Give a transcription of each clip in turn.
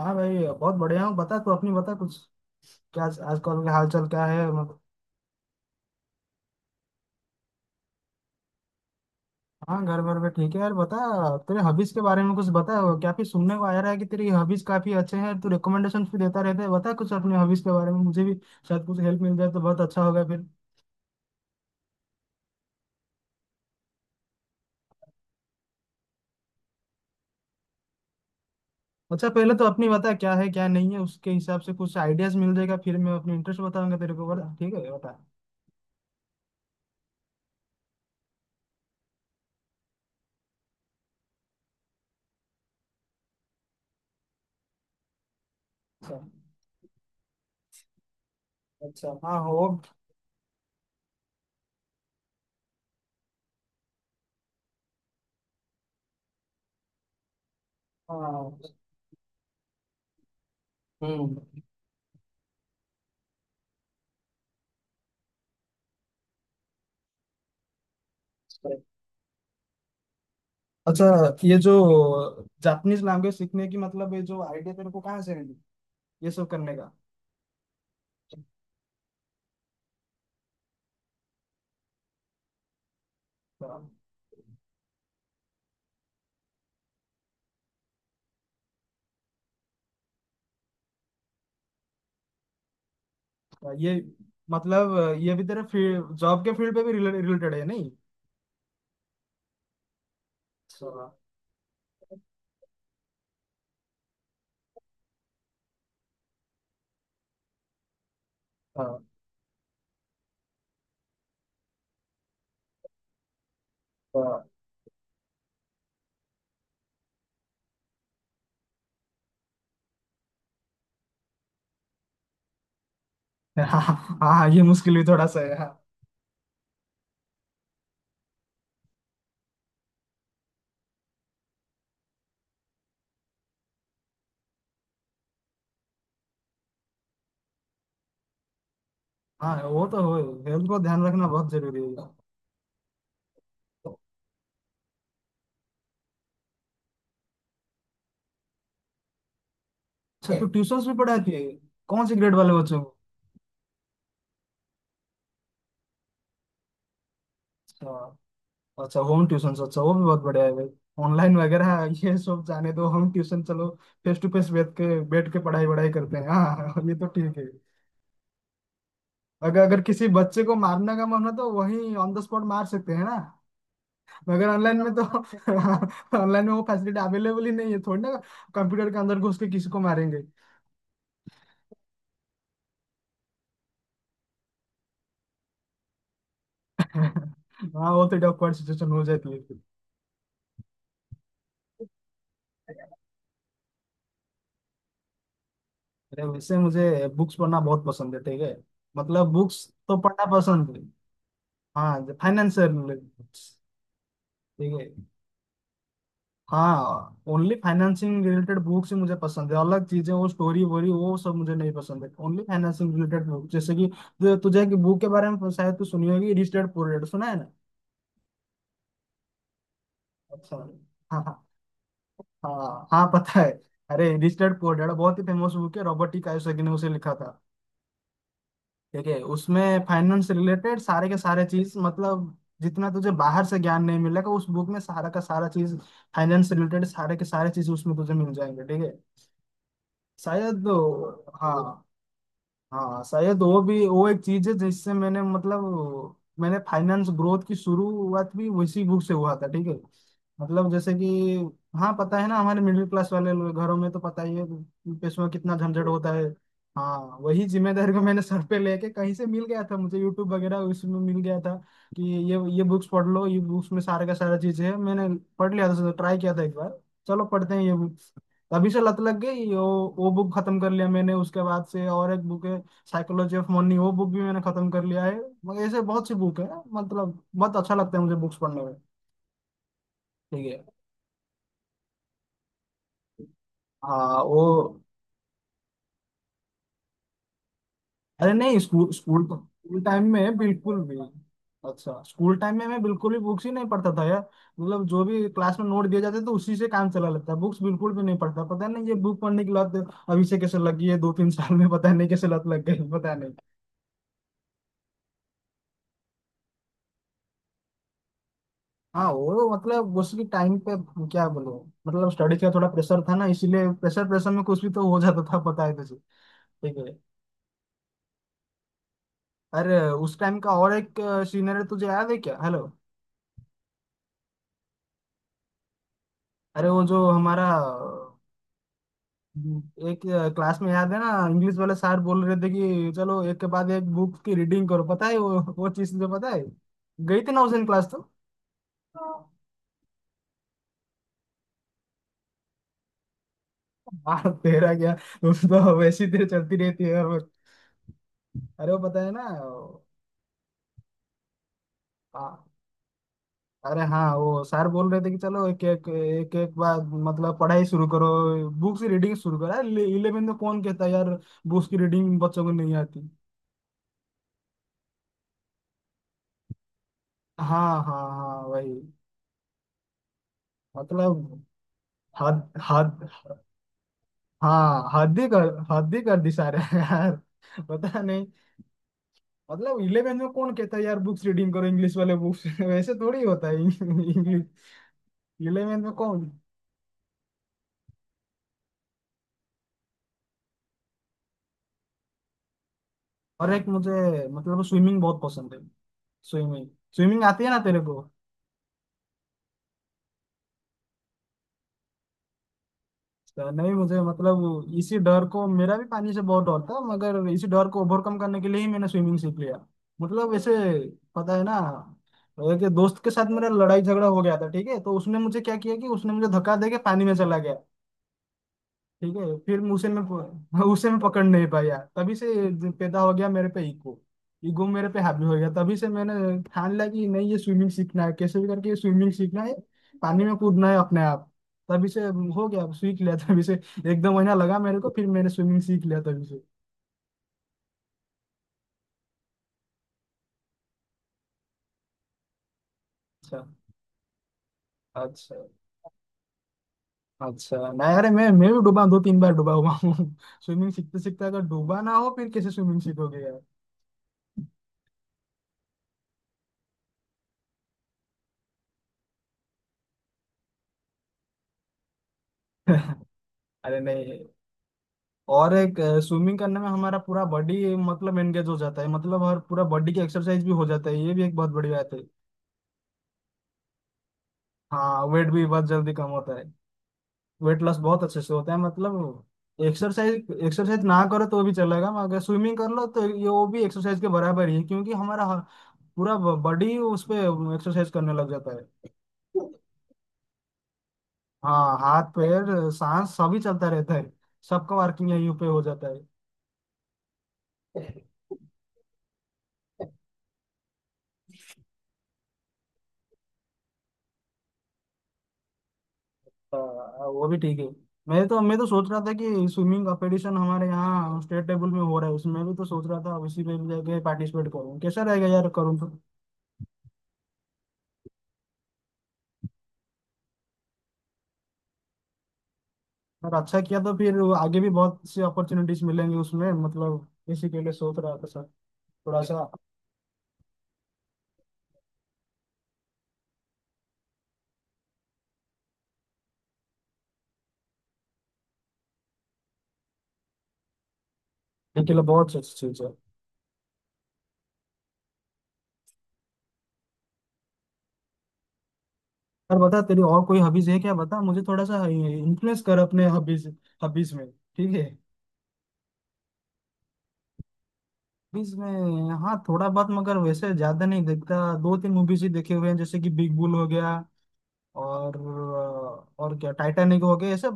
हाँ भाई, बहुत बढ़िया हूँ। बता, तू अपनी बता कुछ। क्या आजकल का हाल चाल क्या है मतलब? हाँ, घर घर में ठीक है यार। बता, तेरे हॉबीज के बारे में कुछ बता। वो क्या फिर सुनने को आ रहा है कि तेरी हॉबीज काफी अच्छे हैं, तू रिकमेंडेशन भी देता रहता है। बता कुछ अपने हॉबीज के बारे में, मुझे भी शायद कुछ हेल्प मिल जाए तो बहुत अच्छा होगा फिर। अच्छा, पहले तो अपनी बता क्या है क्या नहीं है, उसके हिसाब से कुछ आइडियाज मिल जाएगा। फिर मैं अपने इंटरेस्ट बताऊंगा तेरे को। बता ठीक है, बता। अच्छा। अच्छा। हाँ, वो। हाँ। हम्म। अच्छा, ये जो जापानीज लैंग्वेज सीखने की मतलब ये जो आइडिया तेरे को कहाँ से मिली, ये सब करने का? अच्छा, ये मतलब ये भी तेरे फील्ड, जॉब के फील्ड पे भी रिलेटेड है नहीं? अच्छा। हाँ, हाँ, हाँ, हाँ, ये मुश्किल भी थोड़ा सा है हाँ। हाँ, वो तो हो। हेल्थ को ध्यान रखना बहुत जरूरी है। अच्छा, तो ट्यूशंस भी पढ़ाती है? कौन से ग्रेड वाले बच्चों को? अच्छा, होम ट्यूशन। अच्छा, वो भी बहुत बढ़िया है भाई। ऑनलाइन वगैरह ये सब जाने दो, होम ट्यूशन चलो। फेस टू फेस बैठ के पढ़ाई वढ़ाई करते हैं। हाँ, हाँ, ये तो ठीक है। अगर अगर किसी बच्चे को मारने का मन हो तो वहीं ऑन द स्पॉट मार सकते हैं ना? मगर ऑनलाइन में तो ऑनलाइन में वो फैसिलिटी अवेलेबल ही नहीं है थोड़ी ना। कंप्यूटर के अंदर घुस के किसी को मारेंगे? हाँ, वो तो awkward सिचुएशन हो जाती है फिर। अरे वैसे मुझे बुक्स पढ़ना बहुत पसंद है। ठीक है, मतलब बुक्स तो पढ़ना पसंद है। हाँ, फाइनेंस से related। ठीक है। हाँ, ओनली फाइनेंसिंग रिलेटेड बुक्स ही मुझे पसंद है। अलग चीजें वो स्टोरी वोरी वो सब मुझे नहीं पसंद है। ओनली फाइनेंसिंग रिलेटेड बुक, जैसे कि जो तुझे की बुक के बारे में शायद तू सुनी होगी, रिच डैड पुअर डैड, सुना है ना? अच्छा। हाँ, हाँ। हाँ, हाँ, पता है। अरे, रिच डैड पुअर डैड बहुत ही फेमस बुक है। रॉबर्ट टी कायोसाकी ने उसे लिखा था। ठीक है, उसमें फाइनेंस रिलेटेड सारे के सारे चीज मतलब जितना तुझे बाहर से ज्ञान नहीं मिलेगा, उस बुक में सारा का सारा चीज, फाइनेंस रिलेटेड सारे के सारे चीज उसमें तुझे मिल जाएंगे। ठीक है, शायद वो। हाँ, हाँ, शायद वो भी वो एक चीज है जिससे मैंने मतलब मैंने फाइनेंस ग्रोथ की शुरुआत भी उसी बुक से हुआ था। ठीक है, मतलब जैसे कि। हाँ, पता है ना हमारे मिडिल क्लास वाले लोग- घरों में तो पता ही है पैसों का कितना झंझट होता है। हाँ, वही जिम्मेदारी को मैंने सर पे लेके कहीं से मिल गया था मुझे, यूट्यूब वगैरह उसमें मिल गया था कि ये बुक्स पढ़ लो, ये बुक्स में सारा का सारा चीज है। मैंने पढ़ लिया था, ट्राई किया था एक बार। चलो पढ़ते हैं ये बुक। तभी से लत लग गई। वो बुक खत्म कर लिया मैंने, उसके बाद से और एक बुक है साइकोलॉजी ऑफ मनी। वो बुक भी मैंने खत्म कर लिया है। मगर ऐसे बहुत सी बुक है, मतलब बहुत अच्छा लगता है मुझे बुक्स पढ़ने में। ठीक है, हाँ वो। अरे नहीं, स्कूल स्कूल तो, स्कूल टाइम में बिल्कुल भी। अच्छा, स्कूल टाइम में मैं बिल्कुल भी बुक्स ही नहीं पढ़ता था यार। मतलब जो भी क्लास में नोट दिए जाते तो उसी से काम चला लेता, बुक्स बिल्कुल भी नहीं पढ़ता। पता नहीं ये बुक पढ़ने की लत अभी से कैसे लगी है, दो तीन साल में पता नहीं कैसे लत लग गई, पता नहीं। हाँ वो मतलब उसकी टाइम पे क्या बोलो, मतलब स्टडी का थोड़ा प्रेशर था ना, इसीलिए प्रेशर प्रेशर में कुछ भी तो हो जाता था पता है तुझे। ठीक है, अरे उस टाइम का और एक सीनियर तुझे याद है क्या? हेलो? अरे वो जो हमारा एक क्लास में याद है ना, इंग्लिश वाले सर बोल रहे थे कि चलो एक के बाद एक बुक की रीडिंग करो, पता है वो चीज तुझे पता है, गई थी ना उस दिन क्लास तो? हाँ तेरा क्या, उस तो वैसी तेरे चलती रहती है हर वक्त। अरे वो पता है ना। अरे हाँ, वो सर बोल रहे थे कि चलो एक एक बार मतलब पढ़ाई शुरू करो, बुक से रीडिंग शुरू करो। अरे इलेवेंथ में कौन कहता है यार, बुक्स की रीडिंग बच्चों को नहीं आती। हाँ, हाँ, हाँ, वही मतलब। हद हद। हाँ, हद ही कर दी सारे यार। पता नहीं, मतलब इलेवेंथ में कौन कहता है यार बुक्स रीडिंग करो, इंग्लिश वाले बुक्स वैसे थोड़ी होता है इंग्लिश इलेवेंथ में कौन। और एक मुझे मतलब स्विमिंग बहुत पसंद है। स्विमिंग। स्विमिंग आती है ना तेरे को? तो नहीं मुझे मतलब इसी डर को, मेरा भी पानी से बहुत डर था, मगर इसी डर को ओवरकम करने के लिए ही मैंने स्विमिंग सीख लिया। मतलब ऐसे, पता है ना, एक दोस्त के साथ मेरा लड़ाई झगड़ा हो गया था। ठीक है, तो उसने मुझे क्या किया कि उसने मुझे धक्का दे के पानी में चला गया। ठीक है, फिर उसे मैं पकड़ नहीं पाया। तभी से पैदा हो गया मेरे पे ईगो। ईगो मेरे पे हावी हो गया, तभी से मैंने ठान लिया कि नहीं ये स्विमिंग सीखना है, कैसे भी करके ये स्विमिंग सीखना है, पानी में कूदना है अपने आप। तभी से हो गया सीख लिया तभी से। एक दो महीना लगा मेरे को, फिर मैंने स्विमिंग सीख लिया तभी से। अच्छा। अच्छा। अच्छा नहीं, अरे मैं भी डूबा हूँ, दो तीन बार डूबा हुआ हूँ। स्विमिंग सीखते सीखते अगर डूबा ना हो फिर कैसे स्विमिंग सीखोगे यार? अरे नहीं। और एक, स्विमिंग करने में हमारा पूरा बॉडी मतलब एंगेज हो जाता है, मतलब हर पूरा बॉडी की एक्सरसाइज भी हो जाता है। ये भी एक बहुत बड़ी बात है। हाँ, वेट भी बहुत जल्दी कम होता है। वेट लॉस बहुत अच्छे से होता है, मतलब एक्सरसाइज एक्सरसाइज ना करो तो भी चलेगा, मगर स्विमिंग कर लो तो ये वो भी एक्सरसाइज के बराबर ही है। क्योंकि हमारा पूरा बॉडी उस पे एक्सरसाइज करने लग जाता है। हाँ, हाथ पैर सांस सभी चलता रहता है, सबका वर्किंग यहीं पे हो जाता है। वो भी ठीक है। मैं तो सोच रहा था कि स्विमिंग कंपटीशन हमारे यहाँ स्टेट लेवल में हो रहा है, उसमें भी तो सोच रहा था उसी में भी जाके पार्टिसिपेट करूँ कैसा रहेगा यार, करूँ तो। अगर अच्छा किया तो फिर आगे भी बहुत सी अपॉर्चुनिटीज मिलेंगी उसमें, मतलब इसी के लिए सोच रहा था सर, थोड़ा सा ये के लिए बहुत अच्छी चीज है। यार बता, तेरी और कोई हॉबीज है क्या? बता मुझे, थोड़ा सा इन्फ्लुएंस कर अपने हॉबीज। हॉबीज में ठीक है। मूवीज में हाँ थोड़ा बहुत, मगर वैसे ज्यादा नहीं देखता। दो तीन मूवीज ही देखे हुए हैं जैसे कि बिग बुल हो गया, और और क्या टाइटैनिक हो गया ऐसा।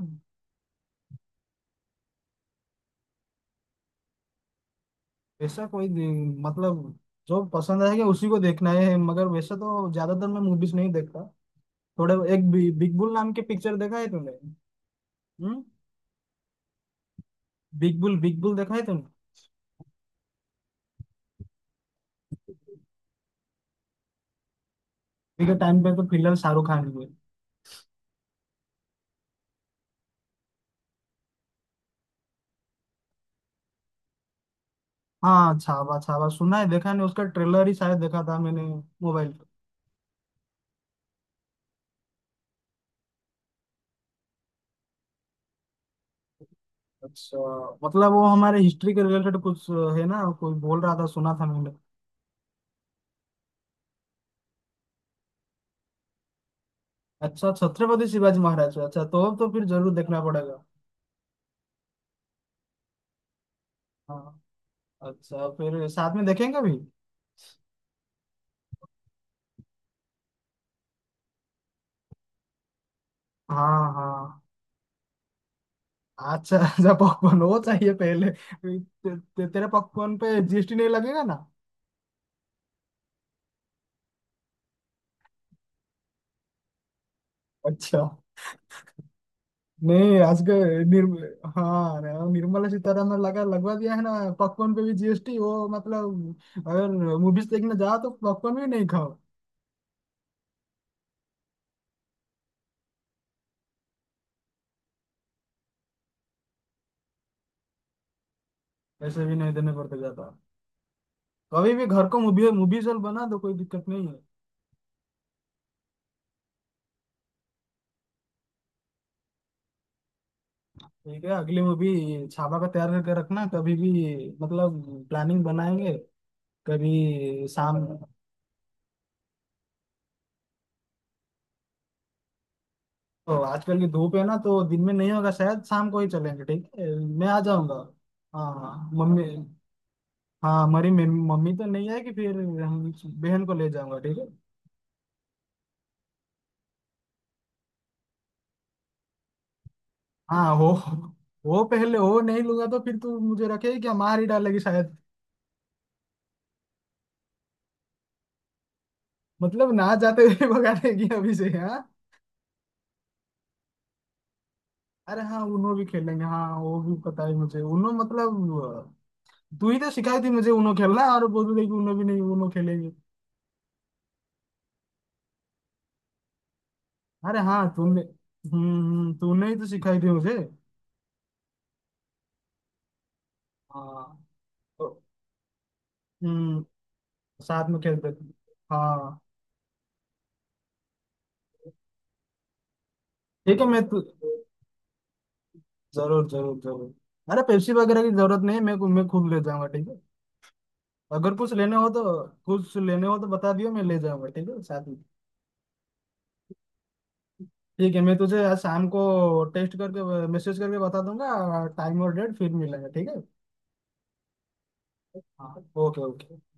ऐसा कोई दे- मतलब जो पसंद आएगा उसी को देखना है, मगर वैसे तो ज्यादातर मैं मूवीज नहीं देखता। थोड़े एक बिग बुल नाम की पिक्चर देखा है तुमने? हम्म। बिग बुल, बिग बुल देखा है तुमने? अभी के टाइम पे तो फिलहाल शाहरुख खान की है। हाँ, छावा, छावा सुना है देखा नहीं, उसका ट्रेलर ही शायद देखा था मैंने मोबाइल पे। अच्छा, मतलब वो हमारे हिस्ट्री के रिलेटेड कुछ है ना, कोई बोल रहा था सुना था मैंने। अच्छा, छत्रपति शिवाजी महाराज, अच्छा तो फिर जरूर देखना पड़ेगा। हाँ, अच्छा फिर साथ में देखेंगे भी। हाँ, हाँ। अच्छा, अच्छा, पॉपकॉर्न वो चाहिए पहले। ते, ते, तेरे पॉपकॉर्न पे जीएसटी नहीं लगेगा ना? अच्छा नहीं, आज के निर्म हाँ ना, निर्मला सीतारमन लगा लगवा दिया है ना पॉपकॉर्न पे भी जीएसटी। वो मतलब अगर मूवीज देखने जाओ तो पॉपकॉर्न भी नहीं खाओ। ऐसे भी नहीं देने पड़ते ज्यादा। कभी भी घर को मूवी मूवी चल बना दो, कोई दिक्कत नहीं है। ठीक है, अगली मूवी छापा का तैयार करके रखना कभी भी, मतलब प्लानिंग बनाएंगे कभी शाम। ओ, आजकल की धूप है ना तो दिन में नहीं होगा शायद, शाम को ही चलेंगे ठीक है। मैं आ जाऊंगा। हाँ मम्मी, हाँ हमारी मम्मी तो नहीं आएगी, फिर हम बहन को ले जाऊंगा ठीक है। हाँ, वो पहले, वो नहीं लूंगा तो फिर तू मुझे रखेगी क्या, मार ही डालेगी शायद। मतलब ना जाते हुए भगा देगी अभी से हाँ। अरे हाँ, उनो भी खेलेंगे। हाँ, वो भी पता है मुझे उनो, मतलब तू ही तो सिखाई थी मुझे उनो खेलना, और बोल रही कि उनो भी नहीं, उनो खेलेंगे। अरे हाँ तूने, हम्म, तूने ही तो सिखाई थी मुझे। हाँ, तो, हम्म, साथ में खेलते थे हाँ। ठीक है, जरूर जरूर जरूर। अरे पेप्सी वगैरह की जरूरत नहीं है, मैं खुद ले जाऊंगा ठीक है। अगर कुछ लेने हो तो बता दियो, मैं ले जाऊंगा ठीक है साथ में। ठीक है, मैं तुझे आज शाम को टेस्ट करके मैसेज करके बता दूंगा टाइम और डेट, फिर मिलेंगे ठीक है। हाँ, ओके, ओके।